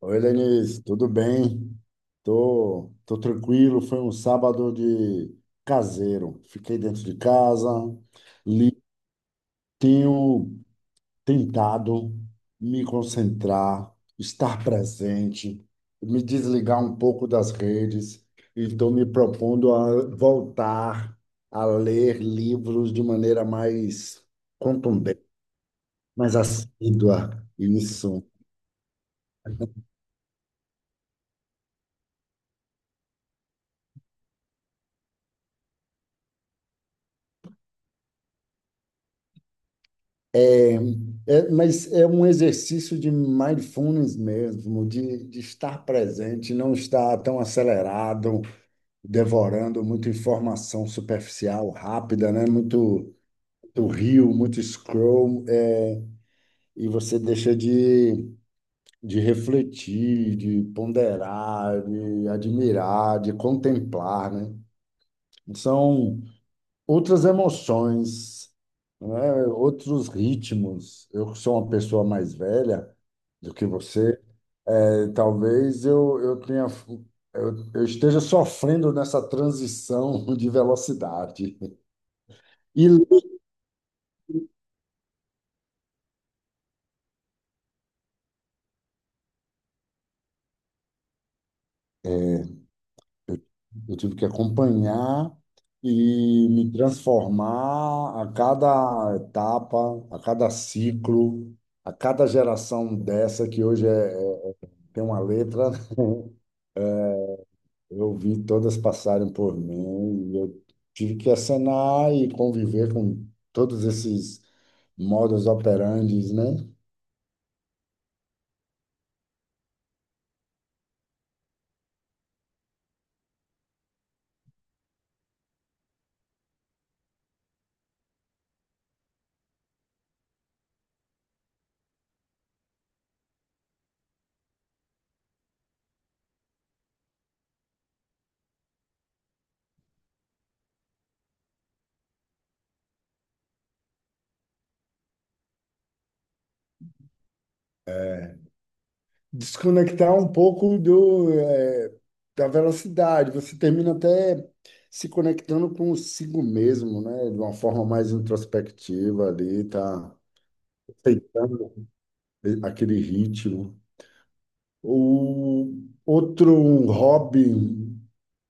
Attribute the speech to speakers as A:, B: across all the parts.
A: Oi, Lenise, tudo bem? Tô tranquilo. Foi um sábado de caseiro. Fiquei dentro de casa, li, tenho tentado me concentrar, estar presente, me desligar um pouco das redes e estou me propondo a voltar a ler livros de maneira mais contundente, mais assídua. Isso. É, mas é um exercício de mindfulness mesmo, de estar presente, não estar tão acelerado, devorando muita informação superficial, rápida, né? Muito reel, muito scroll, e você deixa de refletir, de ponderar, de admirar, de contemplar, né? São outras emoções, né? Outros ritmos. Eu que sou uma pessoa mais velha do que você. Talvez eu tenha, eu esteja sofrendo nessa transição de velocidade. E lento. Eu tive que acompanhar e me transformar a cada etapa, a cada ciclo, a cada geração dessa que hoje tem uma letra. Eu vi todas passarem por mim e eu tive que acenar e conviver com todos esses modus operandes, né? Desconectar um pouco do da velocidade. Você termina até se conectando consigo mesmo, né? De uma forma mais introspectiva ali, tá aceitando aquele ritmo. O outro um hobby,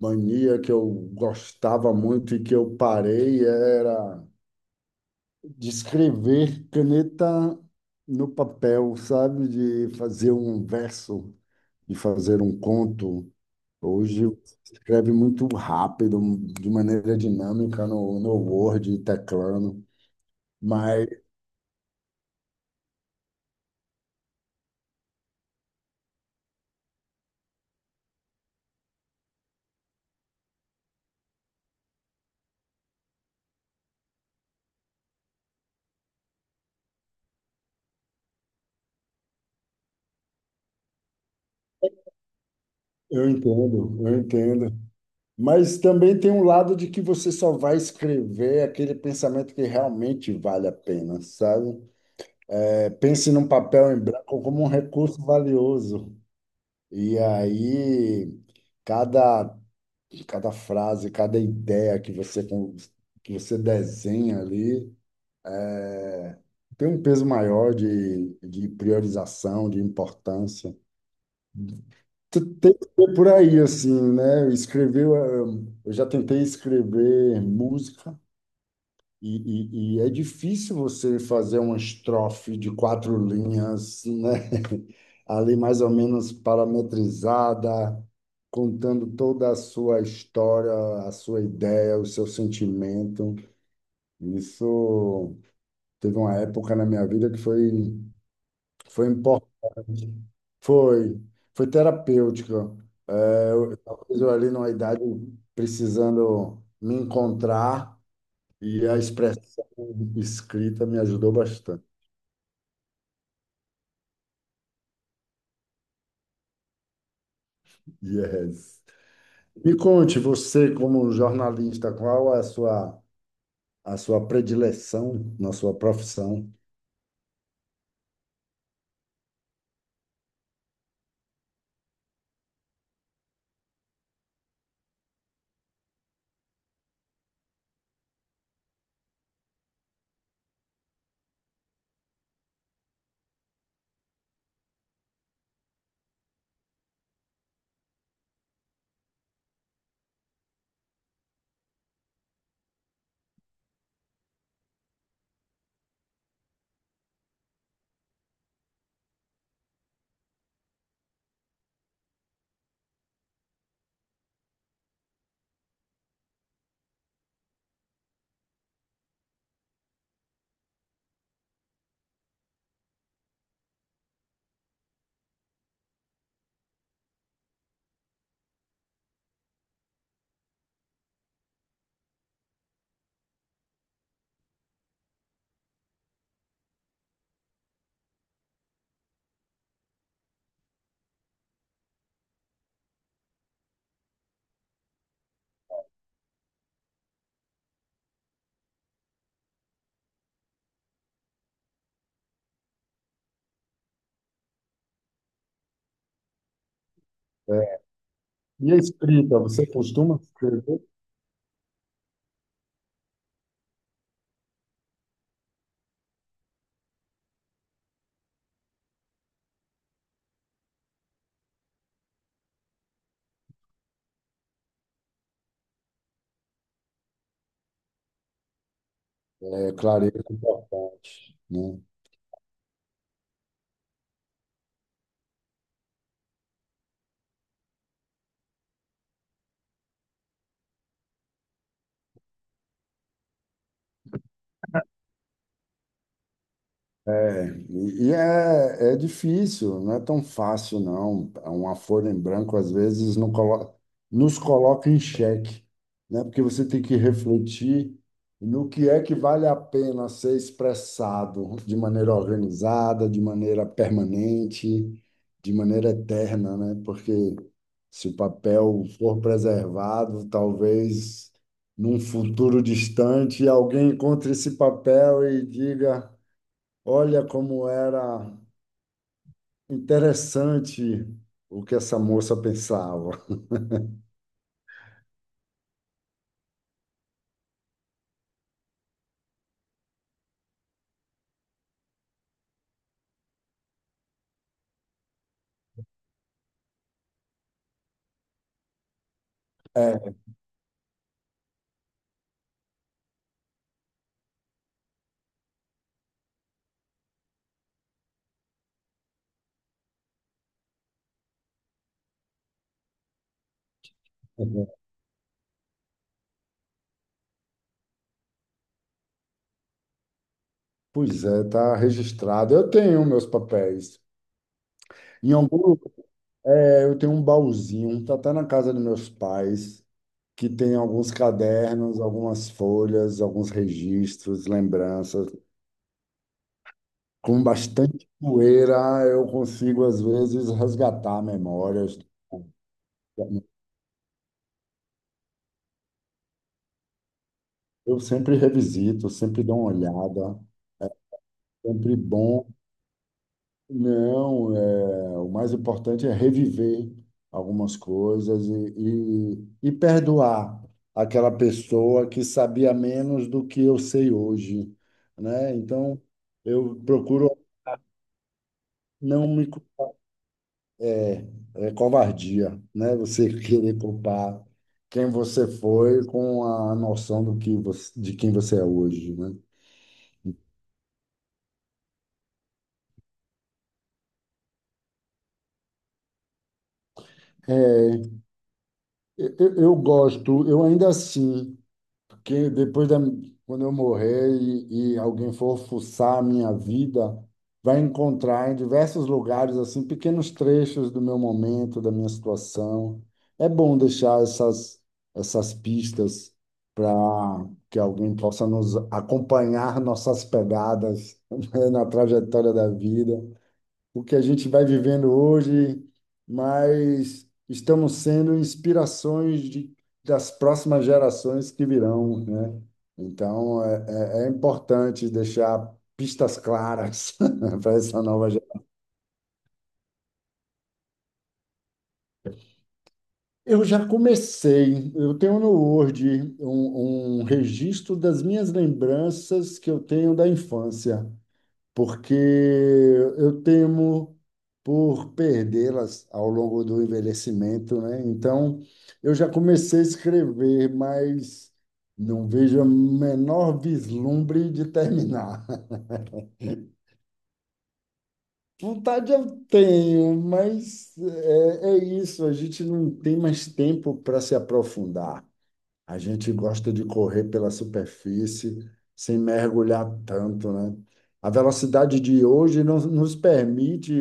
A: mania que eu gostava muito e que eu parei era de escrever caneta no papel, sabe? De fazer um verso, de fazer um conto. Hoje você escreve muito rápido, de maneira dinâmica no Word, teclando, mas eu entendo. Mas também tem um lado de que você só vai escrever aquele pensamento que realmente vale a pena, sabe? É, pense num papel em branco como um recurso valioso. E aí, cada, cada frase, cada ideia que que você desenha ali. É, tem um peso maior de priorização, de importância. Tu Tem que ser por aí, assim, né? Escrever, eu já tentei escrever música e é difícil você fazer uma estrofe de quatro linhas, né? Ali mais ou menos parametrizada, contando toda a sua história, a sua ideia, o seu sentimento. Isso teve uma época na minha vida que foi. Foi importante. Foi, foi terapêutica. Talvez eu ali numa idade precisando me encontrar e a expressão escrita me ajudou bastante. Yes. Me conte, você como jornalista, qual é a sua predileção na sua profissão? É, e a escrita, você costuma escrever? É, clareza é importante, né? É, e é difícil, não é tão fácil, não. Uma folha em branco, às vezes, não colo- nos coloca em xeque, né? Porque você tem que refletir no que é que vale a pena ser expressado de maneira organizada, de maneira permanente, de maneira eterna, né? Porque se o papel for preservado, talvez num futuro distante alguém encontre esse papel e diga. Olha como era interessante o que essa moça pensava. É, pois é, está registrado. Eu tenho meus papéis. Em algum, eu tenho um baúzinho, está até na casa dos meus pais, que tem alguns cadernos, algumas folhas, alguns registros, lembranças. Com bastante poeira, eu consigo, às vezes, resgatar memórias. Eu sempre revisito, sempre dou uma olhada. Sempre bom. Não, é, o mais importante é reviver algumas coisas e perdoar aquela pessoa que sabia menos do que eu sei hoje, né? Então, eu procuro não me... cu- é covardia, né? Você querer culpar quem você foi com a noção do que de quem você é hoje, né? É, eu gosto, eu ainda assim. Porque depois da, quando eu morrer e alguém for fuçar a minha vida, vai encontrar em diversos lugares assim pequenos trechos do meu momento, da minha situação. É bom deixar essas pistas para que alguém possa nos acompanhar nossas pegadas, né, na trajetória da vida o que a gente vai vivendo hoje, mas estamos sendo inspirações de, das próximas gerações que virão, né? Então, é importante deixar pistas claras para essa nova geração. Eu já comecei, eu tenho no Word um registro das minhas lembranças que eu tenho da infância. Porque eu temo por perdê-las ao longo do envelhecimento, né? Então, eu já comecei a escrever, mas não vejo o menor vislumbre de terminar. Vontade eu tenho, mas é isso, a gente não tem mais tempo para se aprofundar. A gente gosta de correr pela superfície sem mergulhar tanto, né? A velocidade de hoje não nos permite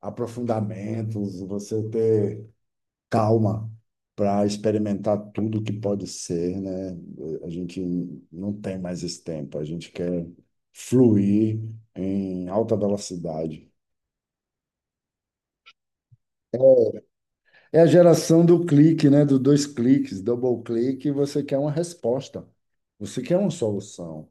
A: aprofundamentos, você ter calma para experimentar tudo que pode ser, né? A gente não tem mais esse tempo, a gente quer fluir em alta velocidade. É a geração do clique, né? Do dois cliques, double clique, você quer uma resposta. Você quer uma solução.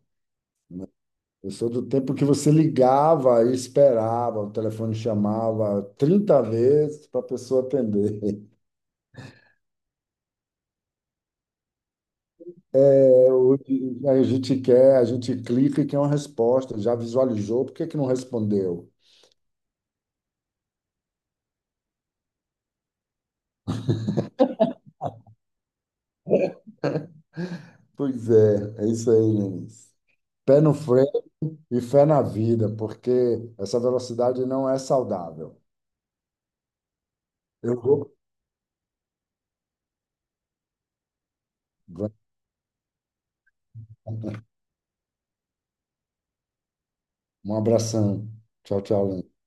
A: Eu sou do tempo que você ligava e esperava, o telefone chamava 30 vezes para a pessoa atender. É, hoje a gente quer, a gente clica e quer uma resposta, já visualizou, por que que não respondeu? Pois é, é isso aí, Lenice. Pé no freio e fé na vida, porque essa velocidade não é saudável. Eu vou. Um abração. Tchau, tchau, Lenice.